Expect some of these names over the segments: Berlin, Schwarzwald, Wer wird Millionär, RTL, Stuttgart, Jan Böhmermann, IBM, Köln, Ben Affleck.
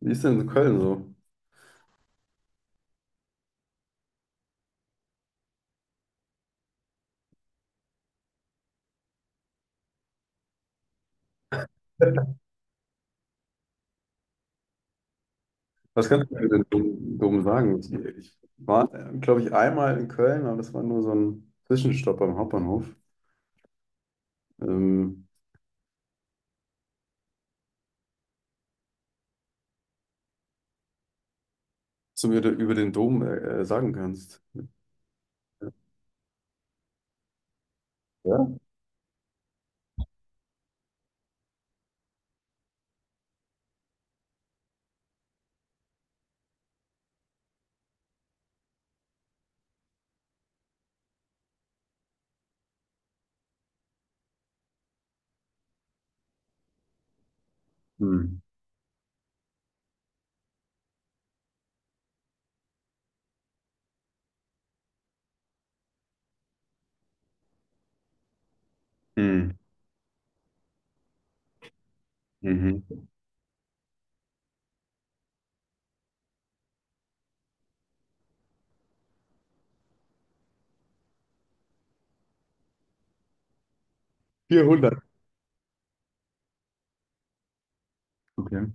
Wie ist denn in Köln so? Was kannst du mir denn dumm, dumm sagen? War, glaube ich, einmal in Köln, aber das war nur so ein Zwischenstopp am Hauptbahnhof. Ähm, Was du mir da über den Dom sagen kannst. Ja? Hm. Hm. Mhm. 400. Okay.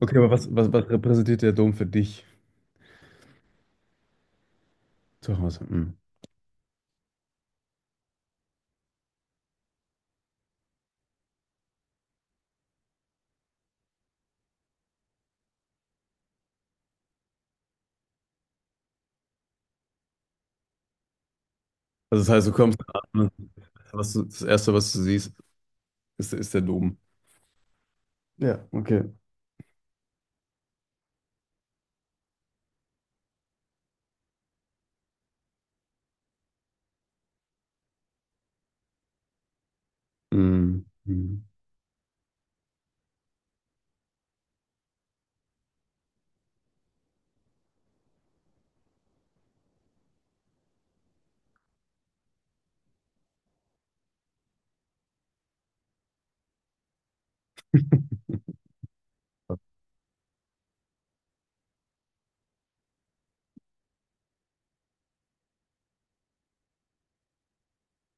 Okay, aber was repräsentiert der Dom für dich zu Hause? Hm. Also das heißt, du kommst an und was du, das Erste, was du siehst, ist der Dom. Ja, okay. Hm. Hm.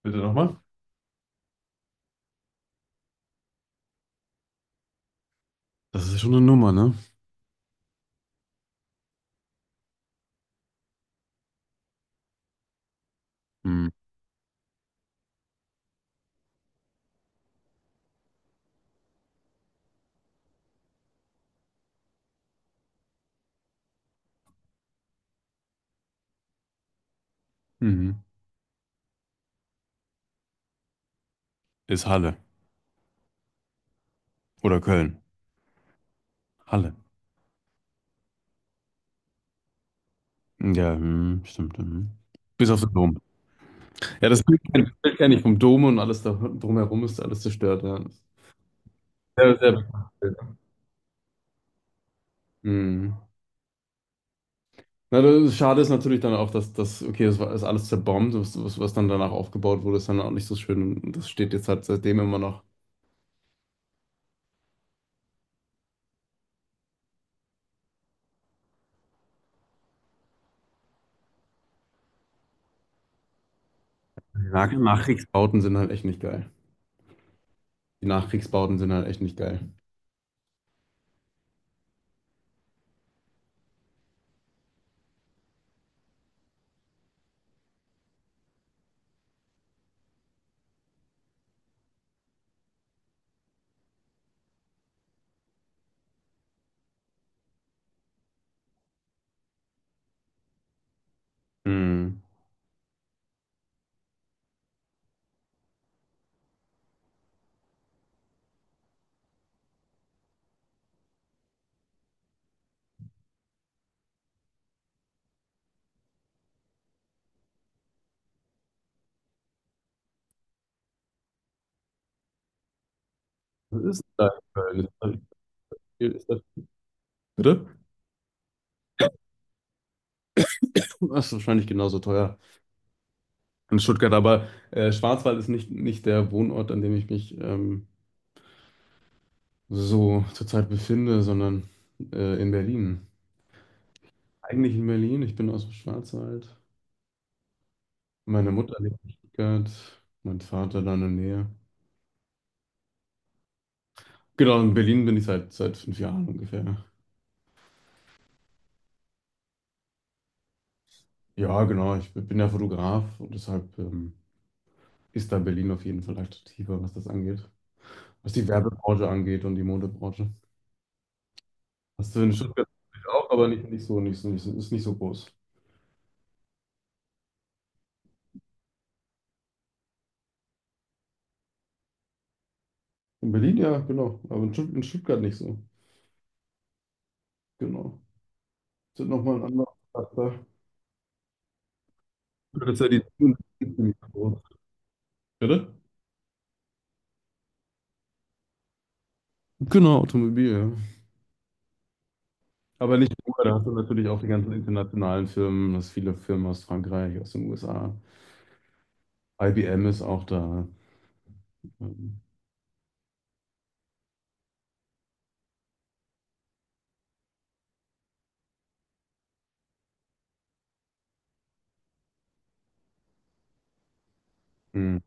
Bitte nochmal? Das ist ja schon eine Nummer, ne? Hm. Mhm. Ist Halle. Oder Köln. Halle. Ja, hm, stimmt. Hm. Bis auf den Dom. Ja, das Bild kenn ich vom Dom und alles da, drumherum ist alles zerstört. Ja. Sehr, sehr bekanntes Bild. Hm. Na, das schade ist natürlich dann auch, dass das, okay, ist alles zerbombt, was dann danach aufgebaut wurde, ist dann auch nicht so schön. Und das steht jetzt halt seitdem immer noch. Die Nach Nachkriegsbauten sind halt echt nicht geil. Die Nachkriegsbauten sind halt echt nicht geil. Hm. Was ist denn da in Köln? Ist das, bitte? Das ist wahrscheinlich genauso teuer. In Stuttgart, aber Schwarzwald ist nicht der Wohnort, an dem ich mich so zurzeit befinde, sondern in Berlin. Eigentlich in Berlin, ich bin aus dem Schwarzwald. Meine Mutter lebt in Stuttgart, mein Vater da in der Nähe. Genau, in Berlin bin ich seit fünf Jahren ungefähr. Ja, genau, ich bin ja Fotograf und deshalb ist da Berlin auf jeden Fall attraktiver, was das angeht. Was die Werbebranche angeht und die Modebranche. Hast du in Stuttgart auch, aber nicht so, ist nicht so groß. In Berlin, ja, genau. Aber in Stuttgart nicht so. Genau. Das ist nochmal ein anderer Charakter. Das ist ja die Bitte? Genau, Automobil, ja. Aber nicht nur, da hast du natürlich auch die ganzen internationalen Firmen, das viele Firmen aus Frankreich, aus den USA. IBM ist auch da, ähm,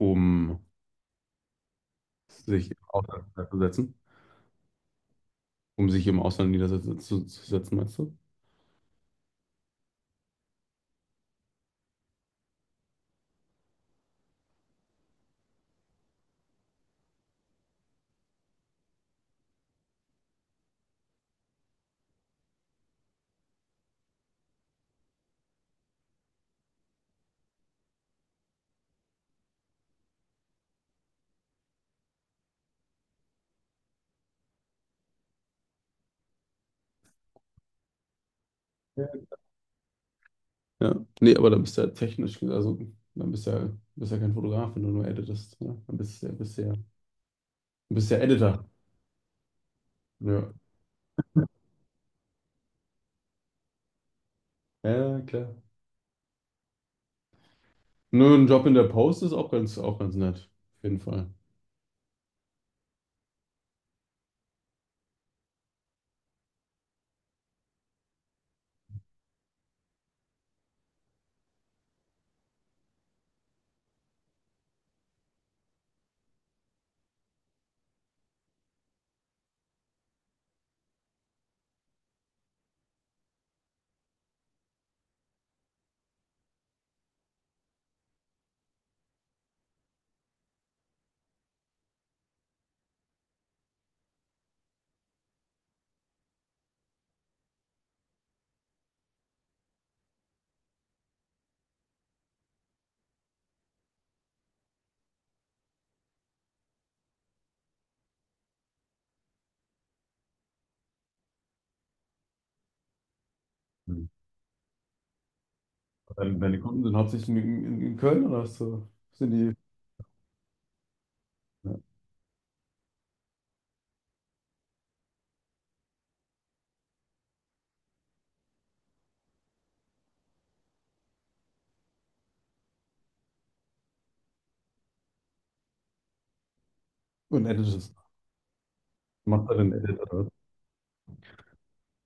um sich im Ausland niederzusetzen, um sich im Ausland zu setzen, meinst du? Ja. Ja. Nee, aber da bist du ja technisch, also dann bist du ja, bist ja kein Fotograf, wenn du nur editest. Ne? Dann bist du ja du bist ja Editor. Ja, ja, klar. Nur ein Job in der Post ist auch auch ganz nett. Auf jeden Fall. Hm. Deine Kunden sind hauptsächlich in Köln oder hast du, sind die? Ja. Und editest. Machst da den Edit, oder? Was?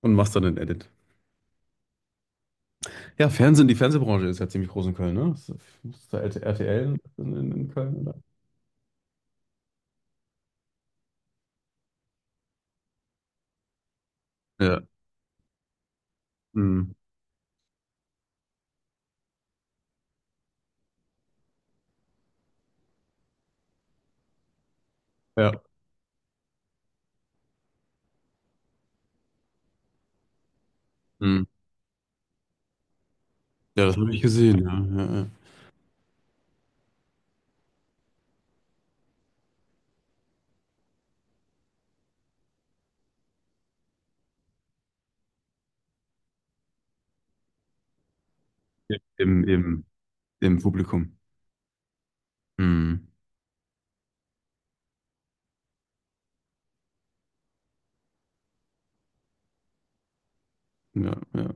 Und machst da den Edit. Ja, Fernsehen, die Fernsehbranche ist ja ziemlich groß in Köln, ne? Ist da RTL in Köln, oder? Ja, hm. Ja. Hm. Ja, das habe ich gesehen, ja. Ja, ja. Im Publikum. Hm. Ja, ja.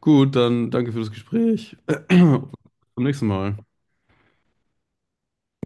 Gut, dann danke für das Gespräch. Bis zum nächsten Mal.